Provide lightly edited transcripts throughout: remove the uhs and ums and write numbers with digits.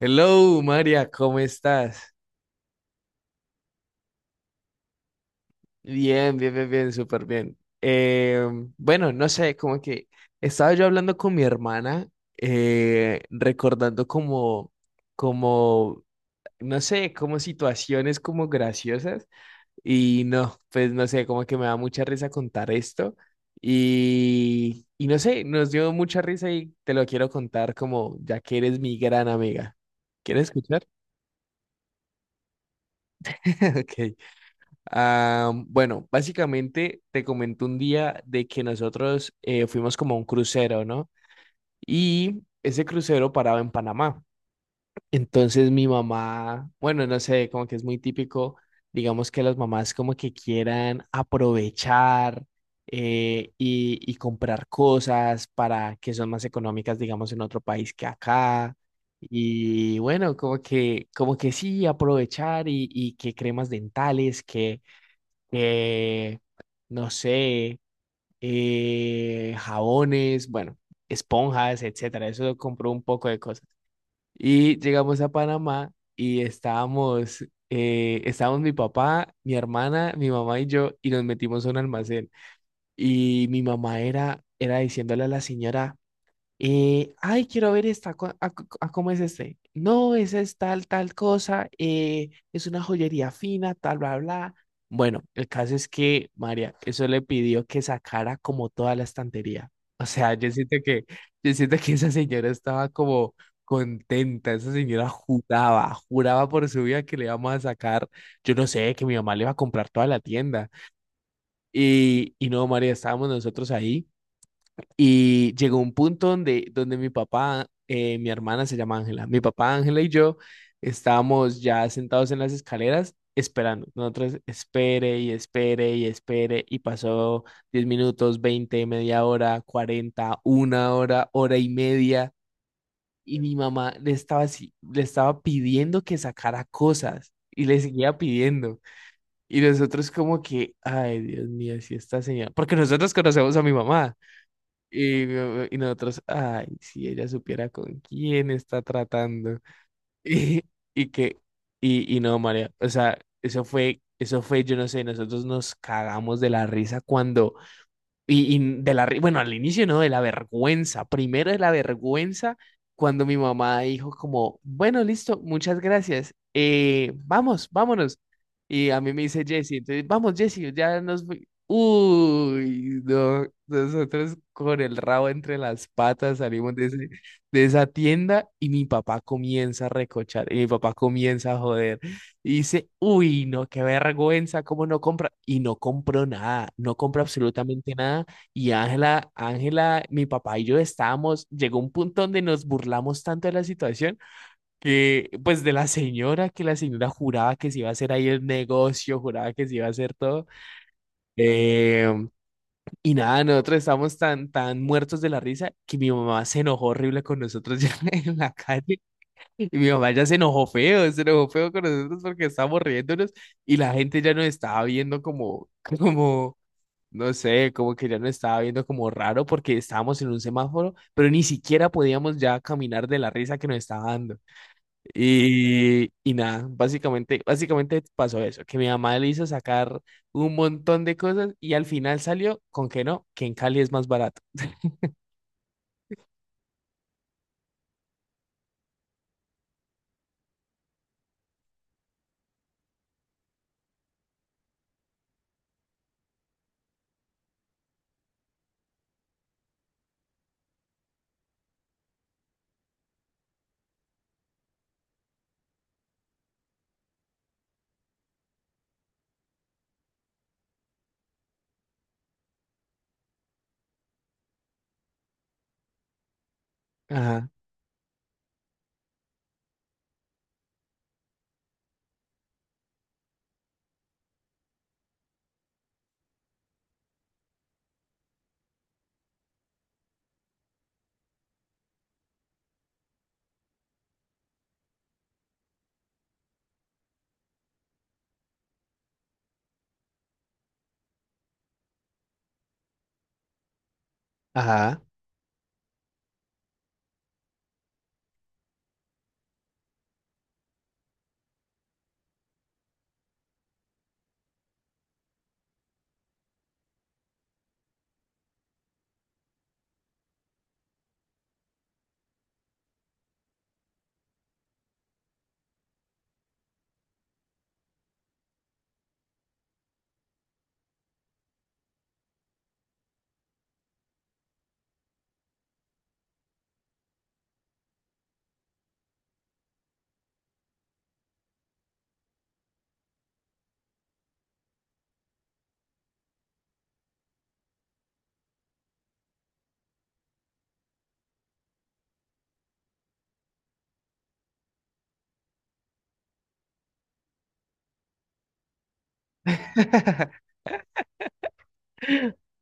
Hello, María, ¿cómo estás? Bien, bien, bien, bien, súper bien. Bueno, no sé, como que estaba yo hablando con mi hermana, recordando como, no sé, como situaciones como graciosas. Y no, pues no sé, como que me da mucha risa contar esto. Y no sé, nos dio mucha risa y te lo quiero contar como ya que eres mi gran amiga. ¿Quieres escuchar? Ok. Ah, bueno, básicamente te comenté un día de que nosotros fuimos como a un crucero, ¿no? Y ese crucero paraba en Panamá. Entonces mi mamá, bueno, no sé, como que es muy típico, digamos que las mamás como que quieran aprovechar, y comprar cosas para que son más económicas, digamos, en otro país que acá. Y bueno, como que sí, aprovechar, y que cremas dentales, que eh, no sé, jabones, bueno, esponjas, etcétera. Eso compró un poco de cosas. Y llegamos a Panamá y estábamos mi papá, mi hermana, mi mamá y yo, y nos metimos a un almacén. Y mi mamá era diciéndole a la señora, ay, quiero ver esta, a cómo es este. No, esa es tal cosa, es una joyería fina, tal, bla, bla. Bueno, el caso es que, María, eso le pidió que sacara como toda la estantería. O sea, yo siento que esa señora estaba como contenta. Esa señora juraba, juraba por su vida que le íbamos a sacar, yo no sé, que mi mamá le iba a comprar toda la tienda. Y no, María, estábamos nosotros ahí. Y llegó un punto donde mi papá, mi hermana se llama Ángela, mi papá, Ángela y yo estábamos ya sentados en las escaleras esperando. Nosotros espere y espere y espere y pasó 10 minutos, 20 media hora, 40 una hora, hora y media. Y mi mamá le estaba así, le estaba pidiendo que sacara cosas y le seguía pidiendo. Y nosotros como que, ay, Dios mío, si esta señora, porque nosotros conocemos a mi mamá. Y nosotros, ay, si ella supiera con quién está tratando. Y, y que, y no, María, o sea, eso fue, yo no sé, nosotros nos cagamos de la risa cuando, y de la, bueno, al inicio no, de la vergüenza. Primero de la vergüenza, cuando mi mamá dijo como, bueno, listo, muchas gracias, vamos, vámonos. Y a mí me dice Jesse, entonces, vamos, Jesse, ya nos... fui". Uy, no, nosotros con el rabo entre las patas salimos de, de esa tienda y mi papá comienza a recochar, y mi papá comienza a joder. Y dice, uy, no, qué vergüenza, cómo no compra. Y no compró nada, no compró absolutamente nada. Y Ángela, mi papá y yo estábamos, llegó un punto donde nos burlamos tanto de la situación, que, pues, de la señora, que la señora juraba que se iba a hacer ahí el negocio, juraba que se iba a hacer todo. Eh, y nada, nosotros estábamos tan, tan muertos de la risa que mi mamá se enojó horrible con nosotros ya en la calle. Y mi mamá ya se enojó feo con nosotros porque estábamos riéndonos y la gente ya nos estaba viendo como, como, no sé, como que ya nos estaba viendo como raro porque estábamos en un semáforo, pero ni siquiera podíamos ya caminar de la risa que nos estaba dando. Y nada, básicamente pasó eso, que mi mamá le hizo sacar un montón de cosas y al final salió con que no, que en Cali es más barato. Ajá, ajá.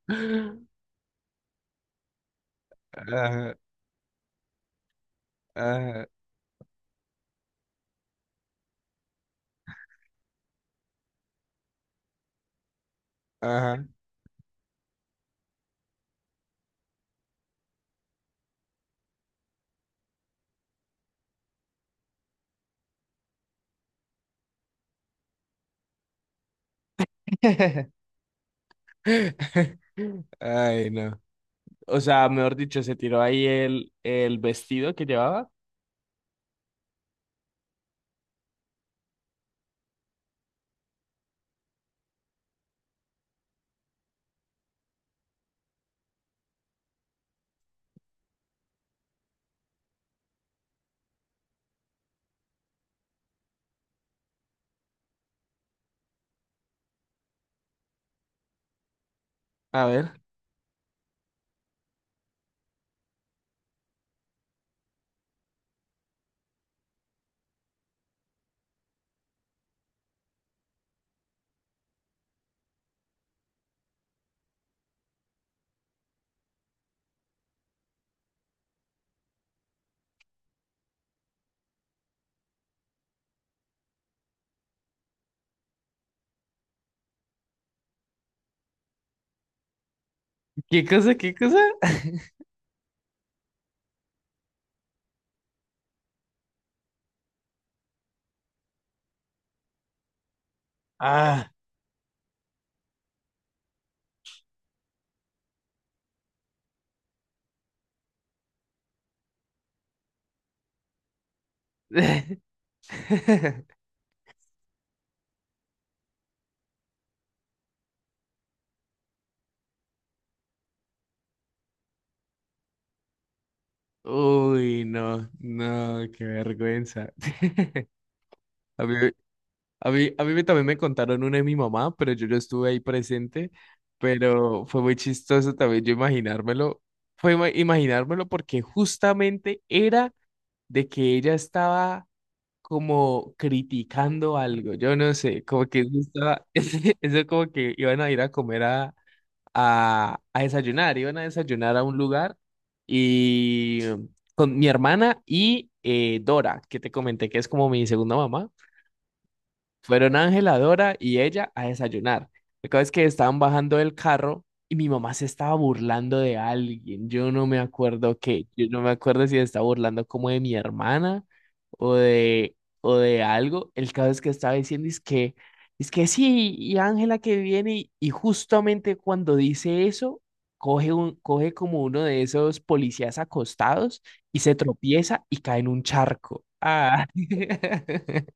Ajá, ajá, ajá. Ay, no. O sea, mejor dicho, se tiró ahí el vestido que llevaba. A ver, ¿qué cosa, qué cosa? Ah. Uy, no, no, qué vergüenza. A mí, a mí también me contaron una de mi mamá, pero yo no estuve ahí presente, pero fue muy chistoso también yo imaginármelo. Fue imaginármelo porque justamente era de que ella estaba como criticando algo, yo no sé, como que eso estaba, eso como que iban a ir a comer a, a, desayunar, iban a desayunar a un lugar, y con mi hermana y Dora, que te comenté que es como mi segunda mamá. Fueron Ángela, Dora y ella a desayunar. La cosa es que estaban bajando del carro y mi mamá se estaba burlando de alguien. Yo no me acuerdo qué. Yo no me acuerdo si se estaba burlando como de mi hermana o de, o de algo. El caso es que estaba diciendo es que sí, y Ángela que viene, y justamente cuando dice eso, coge como uno de esos policías acostados y se tropieza y cae en un charco. Ah.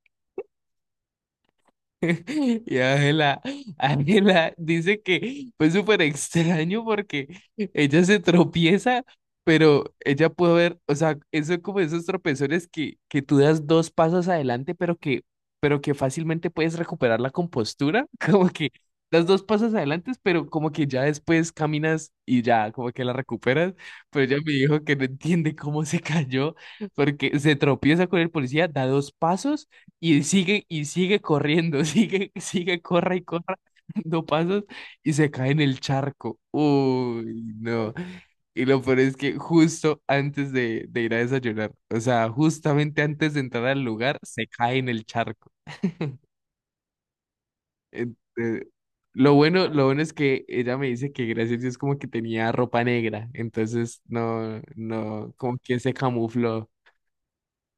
Y Ángela dice que fue súper extraño porque ella se tropieza, pero ella pudo ver, o sea, eso es como esos tropezones que tú das dos pasos adelante, pero que fácilmente puedes recuperar la compostura, como que das dos pasos adelante, pero como que ya después caminas y ya como que la recuperas, pero ella me dijo que no entiende cómo se cayó, porque se tropieza con el policía, da dos pasos. Y sigue corriendo, sigue, sigue, corra y corra, dando pasos y se cae en el charco. Uy, no. Y lo peor es que justo antes de ir a desayunar, o sea, justamente antes de entrar al lugar, se cae en el charco. Ente- lo bueno, lo bueno es que ella me dice que gracias a Dios como que tenía ropa negra, entonces no, no, como que se camufló.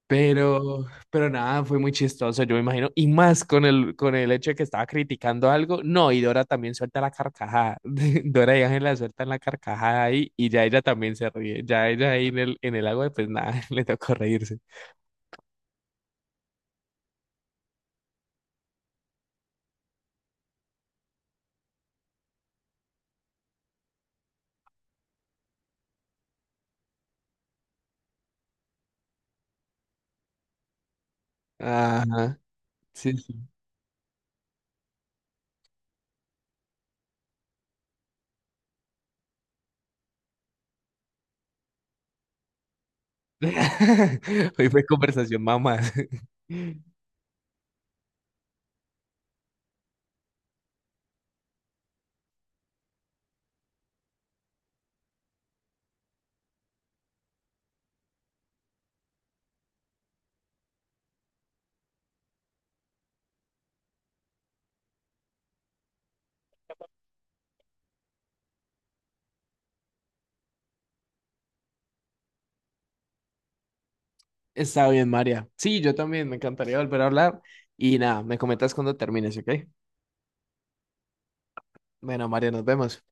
Pero nada, fue muy chistoso, yo me imagino. Y más con el hecho de que estaba criticando algo. No, y Dora también suelta la carcajada. Dora y Ángela sueltan la carcajada ahí y ya ella también se ríe. Ya ella ahí en el agua, pues nada, le tocó reírse. Ajá, sí, sí. Hoy fue conversación mamás. Está bien, María. Sí, yo también, me encantaría volver a hablar. Y nada, me comentas cuando termines, ¿ok? Bueno, María, nos vemos.